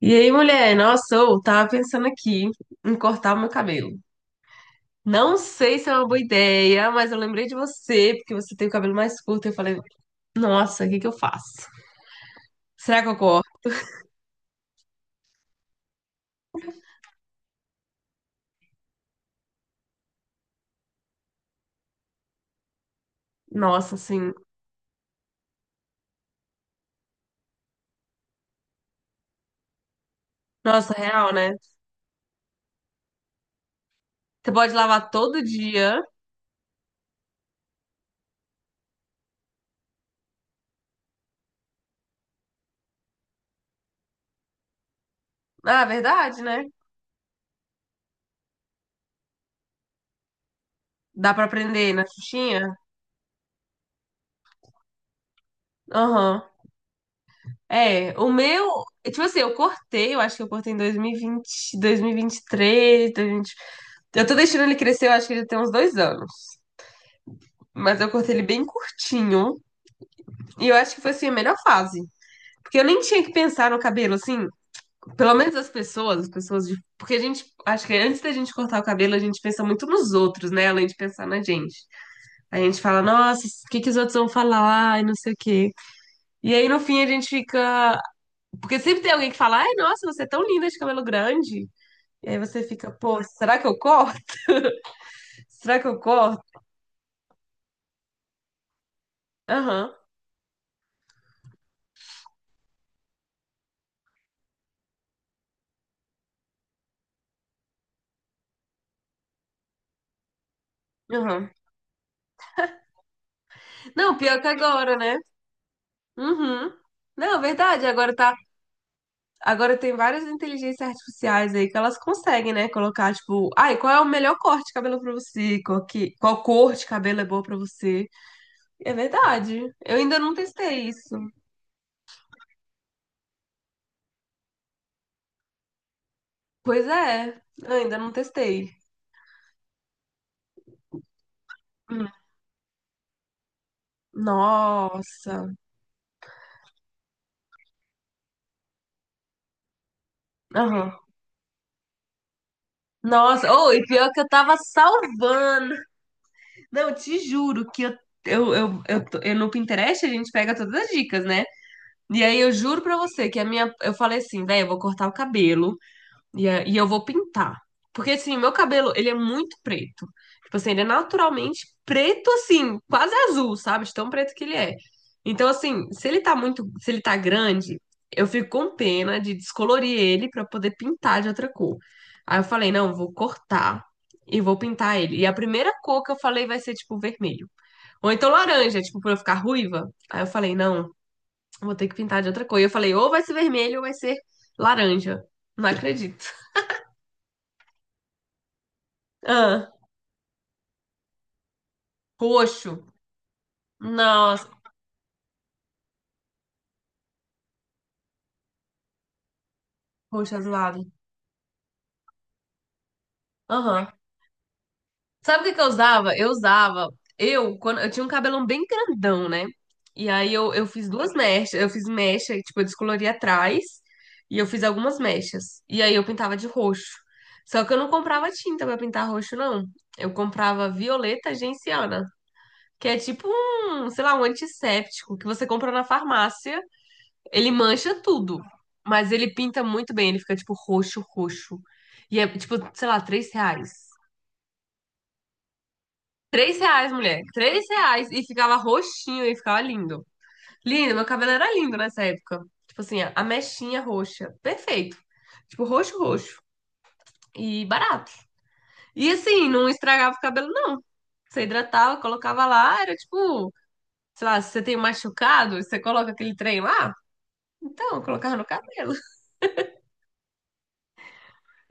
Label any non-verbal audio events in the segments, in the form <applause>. E aí, mulher, nossa, eu tava pensando aqui em cortar o meu cabelo. Não sei se é uma boa ideia, mas eu lembrei de você, porque você tem o cabelo mais curto, e eu falei, nossa, o que que eu faço? Será que eu corto? Nossa, assim, nossa, real, né? Você pode lavar todo dia. Ah, é verdade, né? Dá pra prender na xuxinha? Aham. É, o meu, tipo assim, eu acho que eu cortei em 2020, 2023, 2020. Eu tô deixando ele crescer, eu acho que ele tem uns 2 anos. Mas eu cortei ele bem curtinho. E eu acho que foi assim a melhor fase. Porque eu nem tinha que pensar no cabelo, assim, pelo menos as pessoas de. Porque a gente, acho que antes da gente cortar o cabelo, a gente pensa muito nos outros, né? Além de pensar na gente. A gente fala, nossa, o que que os outros vão falar? Ai, não sei o quê. E aí no fim a gente fica. Porque sempre tem alguém que fala, ai, nossa, você é tão linda de cabelo grande. E aí você fica, pô, será que eu corto? <laughs> Será que eu corto? Aham, aham. Não, pior que agora, né? Uhum. Não, verdade, agora tá. Agora tem várias inteligências artificiais aí que elas conseguem, né? Colocar, tipo, ai, qual é o melhor corte de cabelo pra você? Qual cor de cabelo é boa pra você? É verdade. Eu ainda não testei isso. Pois é, eu ainda não testei. Hum. Nossa. Aham. Nossa, oh, e pior que eu tava salvando. Não, te juro que eu no Pinterest a gente pega todas as dicas, né? E aí eu juro pra você que a minha. Eu falei assim, velho, eu vou cortar o cabelo. E eu vou pintar. Porque, assim, meu cabelo, ele é muito preto. Tipo assim, ele é naturalmente preto, assim, quase azul, sabe? De tão preto que ele é. Então, assim, se ele tá grande, eu fico com pena de descolorir ele pra poder pintar de outra cor. Aí eu falei, não, vou cortar e vou pintar ele. E a primeira cor que eu falei vai ser, tipo, vermelho. Ou então laranja, tipo, pra eu ficar ruiva. Aí eu falei, não, vou ter que pintar de outra cor. E eu falei, ou vai ser vermelho ou vai ser laranja. Não acredito. Ah. Roxo. Nossa, roxo azulado. Aham. Sabe o que que eu usava? Eu usava. Eu, quando eu tinha um cabelão bem grandão, né? E aí eu fiz duas mechas. Eu fiz mecha, e, tipo, eu descolori atrás. E eu fiz algumas mechas. E aí eu pintava de roxo. Só que eu não comprava tinta pra pintar roxo, não. Eu comprava violeta genciana, que é tipo um, sei lá, um antisséptico que você compra na farmácia. Ele mancha tudo, mas ele pinta muito bem. Ele fica, tipo, roxo, roxo. E é, tipo, sei lá, R$ 3. R$ 3, mulher. R$ 3. E ficava roxinho e ficava lindo. Lindo, meu cabelo era lindo nessa época. Tipo assim, a mechinha roxa. Perfeito. Tipo, roxo, roxo. E barato. E assim, não estragava o cabelo, não. Você hidratava, colocava lá, era tipo, sei lá, se você tem um machucado, você coloca aquele trem lá. Então, eu colocava no cabelo.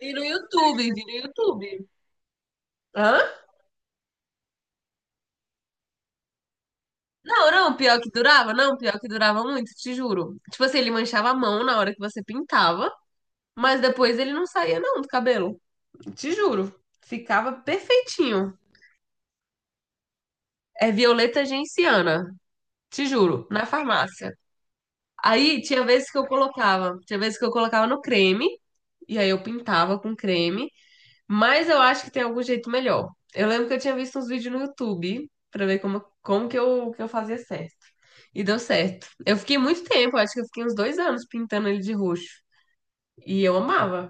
Vi no YouTube, vi no YouTube. Hã? Não, não, pior que durava, não, pior que durava muito, te juro. Tipo assim, ele manchava a mão na hora que você pintava, mas depois ele não saía não do cabelo. Te juro, ficava perfeitinho. É violeta genciana, te juro, na farmácia. Aí tinha vezes que eu colocava, tinha vezes que eu colocava no creme, e aí eu pintava com creme. Mas eu acho que tem algum jeito melhor. Eu lembro que eu tinha visto uns vídeos no YouTube pra ver como que eu fazia certo. E deu certo. Eu fiquei muito tempo, acho que eu fiquei uns 2 anos pintando ele de roxo. E eu amava.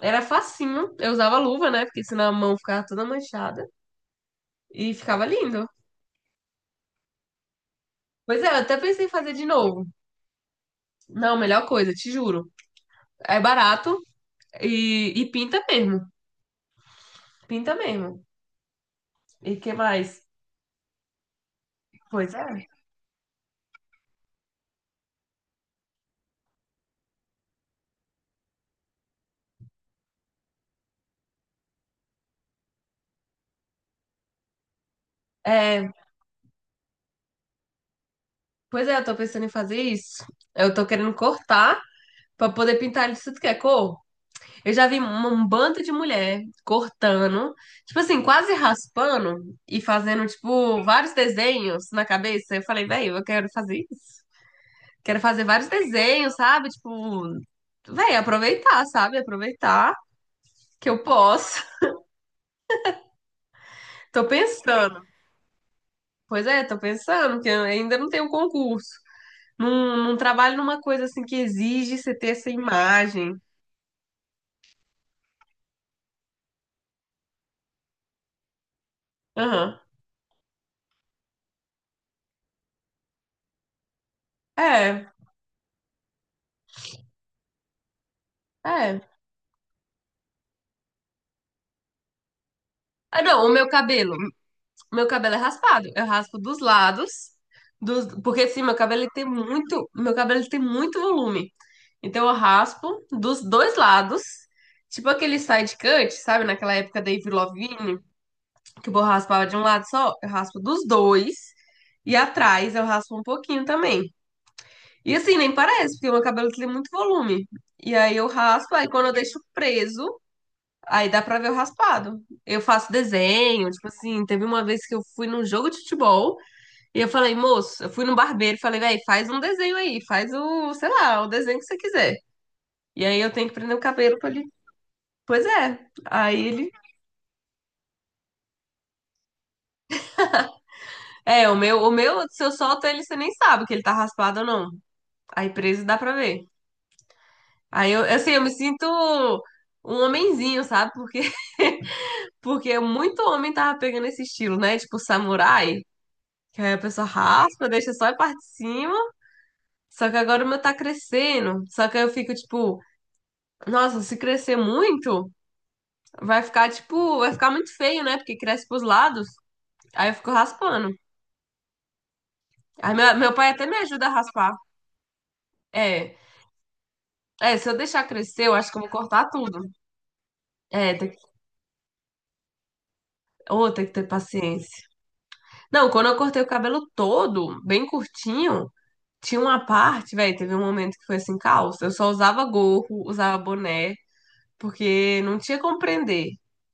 Era facinho. Eu usava luva, né? Porque senão a mão ficava toda manchada. E ficava lindo. Pois é, eu até pensei em fazer de novo. Não, melhor coisa, te juro. É barato e pinta mesmo. Pinta mesmo. E que mais? Pois é. É, pois é, eu tô pensando em fazer isso. Eu tô querendo cortar pra poder pintar ele de tudo que é cor. Eu já vi um bando de mulher cortando, tipo assim, quase raspando e fazendo, tipo, vários desenhos na cabeça. Eu falei, velho, eu quero fazer isso. Quero fazer vários desenhos, sabe? Tipo, velho, aproveitar, sabe? Aproveitar que eu posso. <laughs> Tô pensando. Pois é, tô pensando que eu ainda não tenho concurso. Não, não trabalho numa coisa assim que exige você ter essa imagem. Aham. É, é. Ah, não, o meu cabelo. Meu cabelo é raspado. Eu raspo dos lados, porque assim, meu cabelo ele tem muito volume. Então eu raspo dos dois lados, tipo aquele side cut, sabe? Naquela época da Avril Lavigne, que o povo raspava de um lado só, eu raspo dos dois. E atrás eu raspo um pouquinho também. E assim, nem parece, porque meu cabelo tem muito volume. E aí eu raspo, aí quando eu deixo preso, aí dá pra ver o raspado. Eu faço desenho, tipo assim, teve uma vez que eu fui num jogo de futebol e eu falei, moço, eu fui no barbeiro e falei, véi, faz um desenho aí, faz o, sei lá, o desenho que você quiser. E aí eu tenho que prender o cabelo pra ele. Pois é. Aí ele. É, o meu, se eu solto ele, você nem sabe que ele tá raspado ou não. Aí preso dá pra ver. Aí eu, assim, eu me sinto um homenzinho, sabe? Porque, <laughs> porque muito homem tava pegando esse estilo, né? Tipo, samurai. Que aí a pessoa raspa, deixa só a parte de cima. Só que agora o meu tá crescendo. Só que aí eu fico tipo, nossa, se crescer muito, vai ficar muito feio, né? Porque cresce pros lados. Aí eu fico raspando. Aí meu pai até me ajuda a raspar. É. É, se eu deixar crescer, eu acho que eu vou cortar tudo. É, tem que ter paciência. Não, quando eu cortei o cabelo todo, bem curtinho, tinha uma parte, velho, teve um momento que foi assim, calça. Eu só usava gorro, usava boné. Porque não tinha como prender.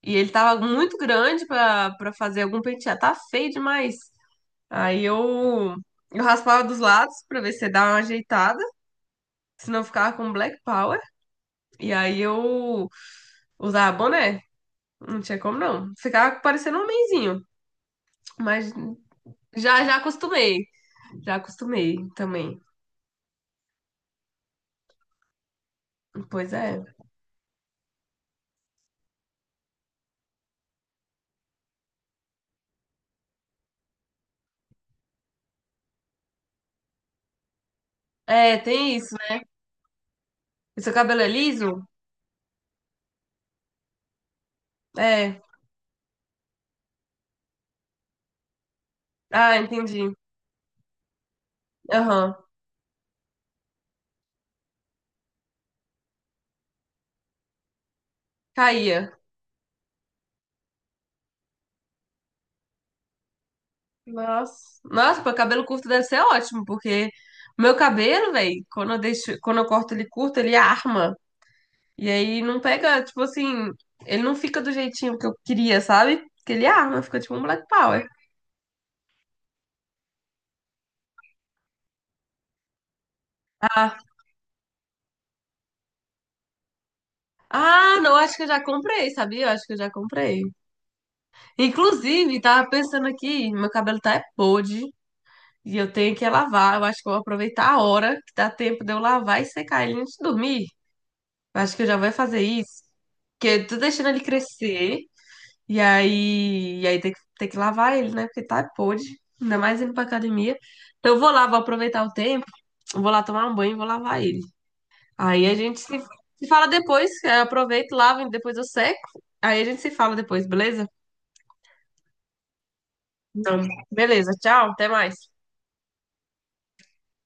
E ele tava muito grande pra fazer algum penteado. Tá feio demais. Aí eu raspava dos lados pra ver se dava uma ajeitada, senão eu ficava com black power. E aí eu usava boné. Não tinha como não. Ficava parecendo um homenzinho, mas já já acostumei. Já acostumei também. Pois é. É, tem isso, né? E seu cabelo é liso? É. Ah, entendi. Aham. Caía. Nossa. Nossa, pô, cabelo curto deve ser ótimo, porque o meu cabelo, velho, quando eu corto ele curto, ele arma. E aí não pega, tipo assim, ele não fica do jeitinho que eu queria, sabe? Porque ele arma, fica tipo um Black Power. Ah, ah, não, acho que eu já comprei, sabia? Eu acho que eu já comprei. Inclusive, tava pensando aqui, meu cabelo tá é podre e eu tenho que lavar. Eu acho que eu vou aproveitar a hora que dá tempo de eu lavar e secar ele antes de dormir. Eu acho que eu já vou fazer isso. Porque eu tô deixando ele crescer. E aí tem que lavar ele, né? Porque tá podre, ainda mais indo pra academia. Então eu vou lá, vou aproveitar o tempo, vou lá tomar um banho e vou lavar ele. Aí a gente se fala depois, eu aproveito, lavo e depois eu seco. Aí a gente se fala depois, beleza? Então, beleza, tchau, até mais.